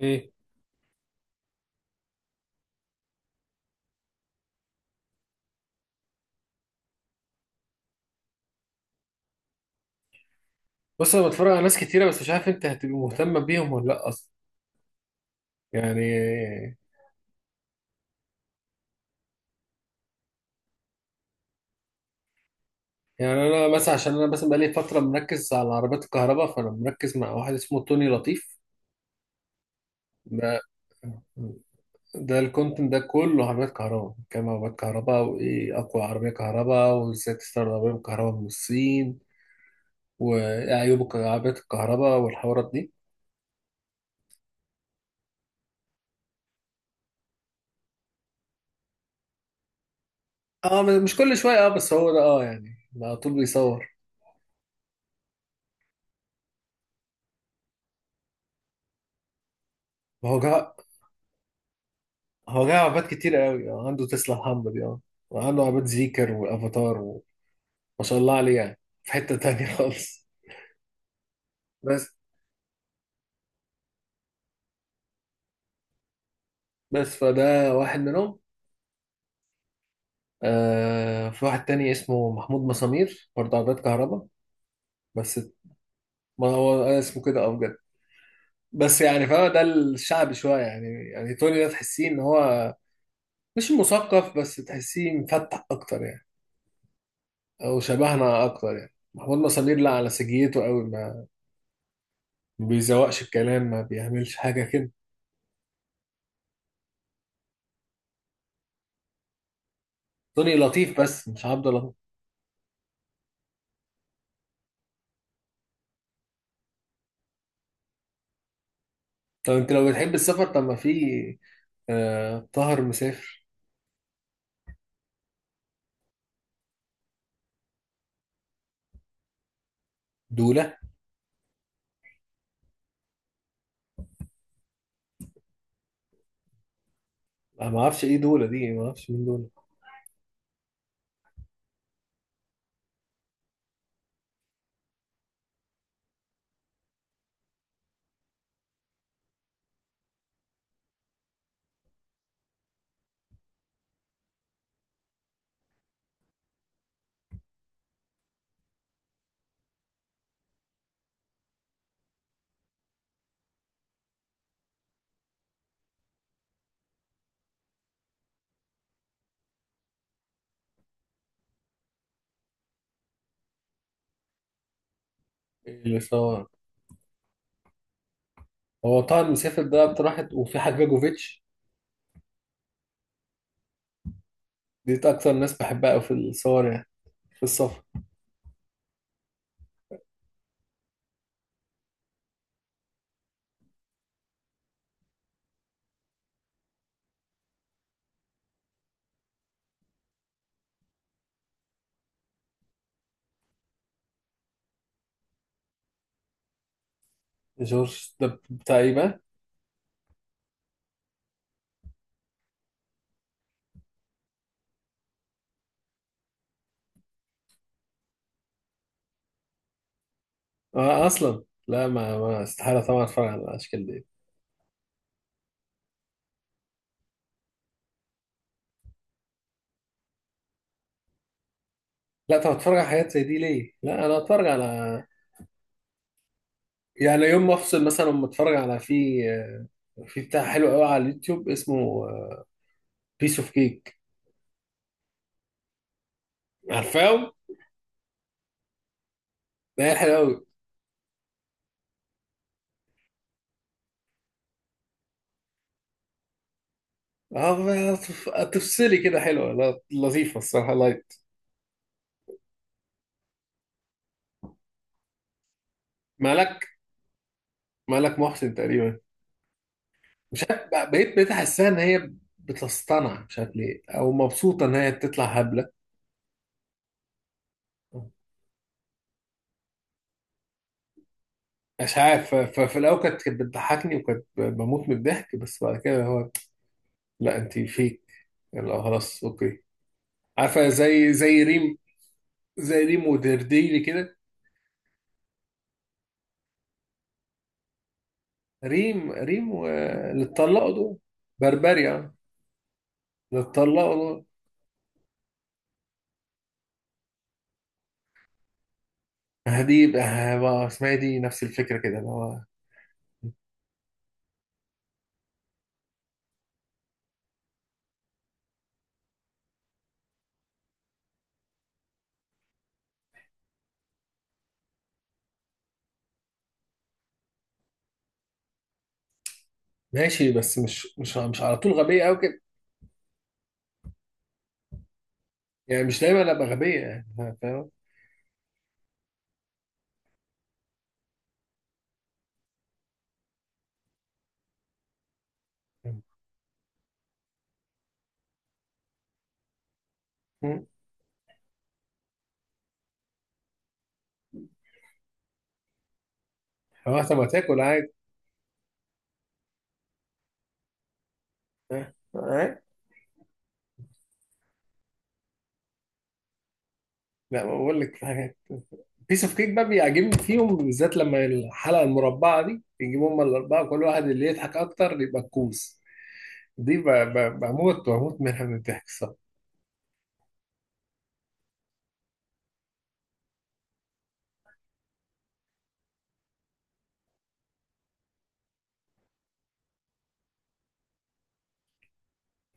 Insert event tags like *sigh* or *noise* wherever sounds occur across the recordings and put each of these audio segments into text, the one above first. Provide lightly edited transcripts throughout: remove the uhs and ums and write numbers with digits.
ايه. بص انا بتفرج على ناس كتيره، بس مش عارف انت هتبقى مهتم بيهم ولا لا اصلا، يعني. يعني انا مثلا، عشان انا مثلا بقالي فتره مركز على عربيات الكهرباء، فانا مركز مع واحد اسمه توني لطيف. ده ده الكونتنت ده كله عربيات كهرباء، كام عربيات كهرباء، وايه اقوى عربيه كهرباء، وازاي تستورد عربيه كهرباء من الصين، وعيوب عربيات الكهرباء والحوارات دي. اه، مش كل شويه، بس هو ده، يعني على طول بيصور. ما هو جا- هو جاي عباد كتير قوي، عنده تسلا محمد، وعنده عباد زيكر وافاتار، وما شاء الله عليه يعني. في حتة تانية *laughs* خالص. بس بس فده واحد منهم. في واحد تاني اسمه محمود مسامير برضه عباد كهرباء بس. ما هو اسمه كده بجد. بس يعني فهو ده الشعبي شوية، يعني توني ده تحسيه ان هو مش مثقف، بس تحسيه مفتح اكتر يعني. او شبهنا اكتر، يعني محمود مسامير لا، على سجيته قوي، ما بيزوقش الكلام، ما بيعملش حاجة كده. سوري لطيف بس مش عبد اللطيف. طب انت لو بتحب السفر، طب ما في، طاهر مسافر. دولة. انا ما اعرفش ايه دولة دي، ما اعرفش مين دولة. اللي صور. هو طاهر مسافر ده اكتر واحد، وفي حجاجوفيتش. دي اكتر ناس بحبها أوي في الصور يعني، في السفر. جورج ده بتاع ايه بقى؟ اصلا لا، ما استحالة طبعا اتفرج على الاشكال دي. لا، طب اتفرج على حاجات زي دي ليه؟ لا، انا اتفرج على، يعني، يوم ما افصل مثلا اما اتفرج على، في بتاع حلو قوي على اليوتيوب اسمه بيس اوف كيك. عارفاه؟ لا، حلو قوي. اه تفصلي كده حلوه، لا لطيفه الصراحه، لايت. مالك مالك محسن تقريبا. مش عارف، بقيت احسها ان هي بتصطنع، مش عارف ليه، او مبسوطه ان هي تطلع هبله. مش عارف، ففي الاول كانت بتضحكني، وكانت بموت من الضحك، بس بعد كده هو. لا انت فيك. لا خلاص، اوكي. عارفه زي ريم، زي ريم ودرديلي كده. ريم. اللي اتطلقوا دول. بربريا. اللي اتطلقوا دول. دي بقى اسمها إيه دي، نفس الفكره كده اللي هو. ماشي، بس مش على طول غبيه قوي كده يعني، مش دايما ابقى غبيه، يعني فاهم. مم. هو طب ما تاكل عادي. آه، آه. لا، بقول لك في حاجات. بيس اوف كيك بقى بيعجبني فيهم، بالذات لما الحلقه المربعه دي يجيبوا هم الاربعه كل واحد اللي يضحك اكتر يبقى الكوس، دي بموت منها من الضحك الصراحه.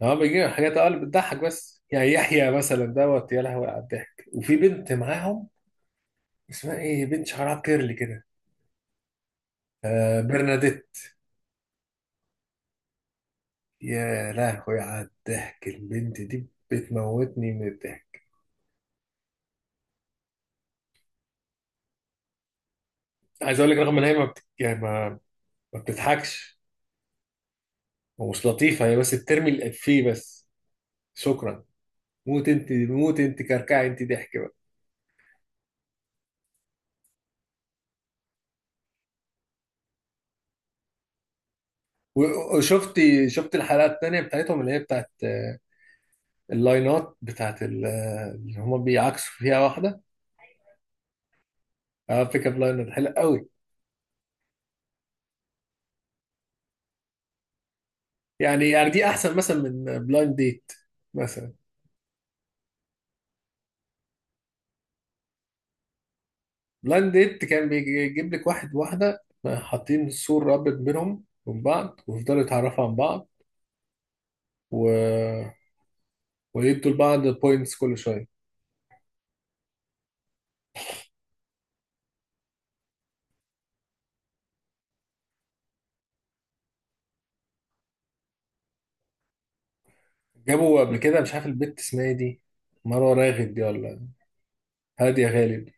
هو بيجيب حاجات اقل بتضحك، بس يعني يحيى مثلا دوت، يا لهوي على الضحك. وفي بنت معاهم اسمها ايه، بنت شعرها كيرلي كده. برناديت. يا لهوي على الضحك، البنت دي بتموتني من الضحك. عايز اقول لك رغم ان هي ما بت... يعني ما بتضحكش ومش لطيفه هي، بس بترمي الافيه بس. شكرا. موت انت، موت انت، كركعي انت، ضحك بقى. و- وشفتي شفت الحلقه الثانيه بتاعتهم، اللي هي بتاعت اللاينات، بتاعت اللي هم بيعكسوا فيها واحده. اه، بيك اب لاينات حلو قوي. يعني دي احسن مثلا من بلايند ديت مثلا. بلايند ديت كان بيجيب لك واحد واحدة حاطين سور رابط بينهم من بعض، ويفضلوا يتعرفوا عن بعض و... ويدوا لبعض بوينتس كل شوية. جابوا قبل كده مش عارف البت اسمها ايه دي، مروة راغب دي ولا هادية غالب.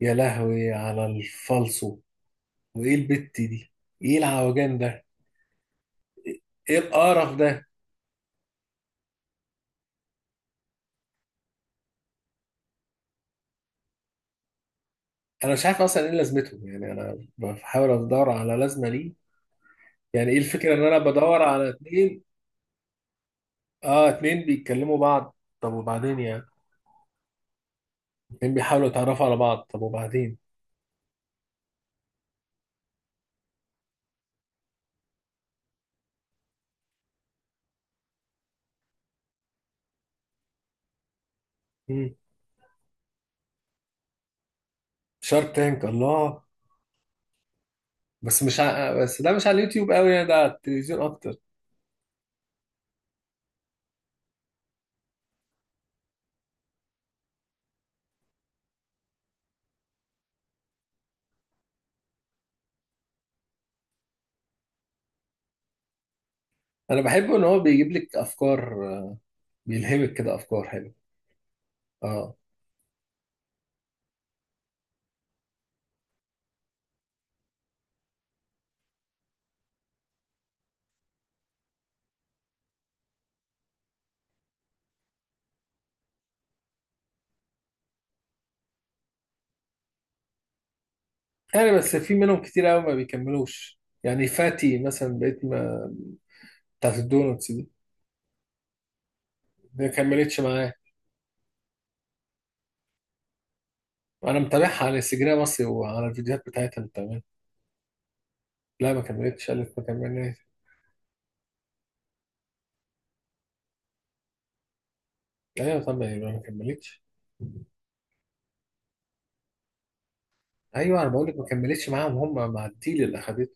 يا لهوي على الفالصو. وايه البت دي، ايه العوجان ده، ايه القرف ده؟ انا مش عارف اصلا ايه لازمتهم، يعني انا بحاول ادور على لازمة ليه. يعني ايه الفكرة ان انا بدور على اتنين؟ اه، اتنين بيتكلموا بعض، طب وبعدين يعني؟ اتنين بيحاولوا يتعرفوا على بعض، طب وبعدين؟ مم. شارك تانك، الله. بس ده مش على اليوتيوب قوي يعني، ده على التلفزيون اكتر. انا بحبه ان هو بيجيب لك افكار، بيلهمك كده افكار حلوه. اه. يعني بس في منهم كتير قوي ما بيكملوش، يعني فاتي مثلا بقيت ما، بتاعت الدونتس دي. ما كملتش معاه. انا متابعها على انستجرام اصلي، وعلى الفيديوهات بتاعتها متابعها. لا، ما كملتش. قالت ما كملتش. ايوه، طب ما كملتش. ايوه، انا بقول لك ما كملتش معاهم هم، مع الديل اللي اخدته.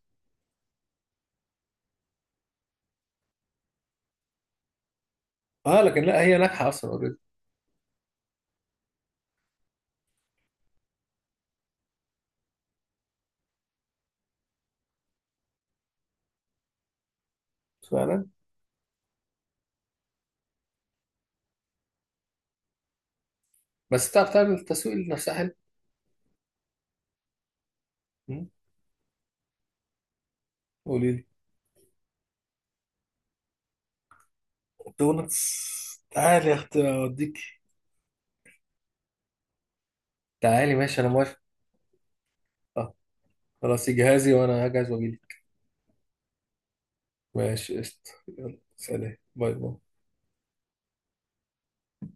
اه لكن لا، هي ناجحه اصلا اوريدي. فعلا. بس تعرف تعمل تسويق لنفسها حلو. مم. قولي لي. دونتس. تعالي يا اختي اوديك. تعالي ماشي، انا موافق. اه. خلاص جهازي، وانا هجهز واجيلك. ماشي قشطة. يلا سلام، باي باي.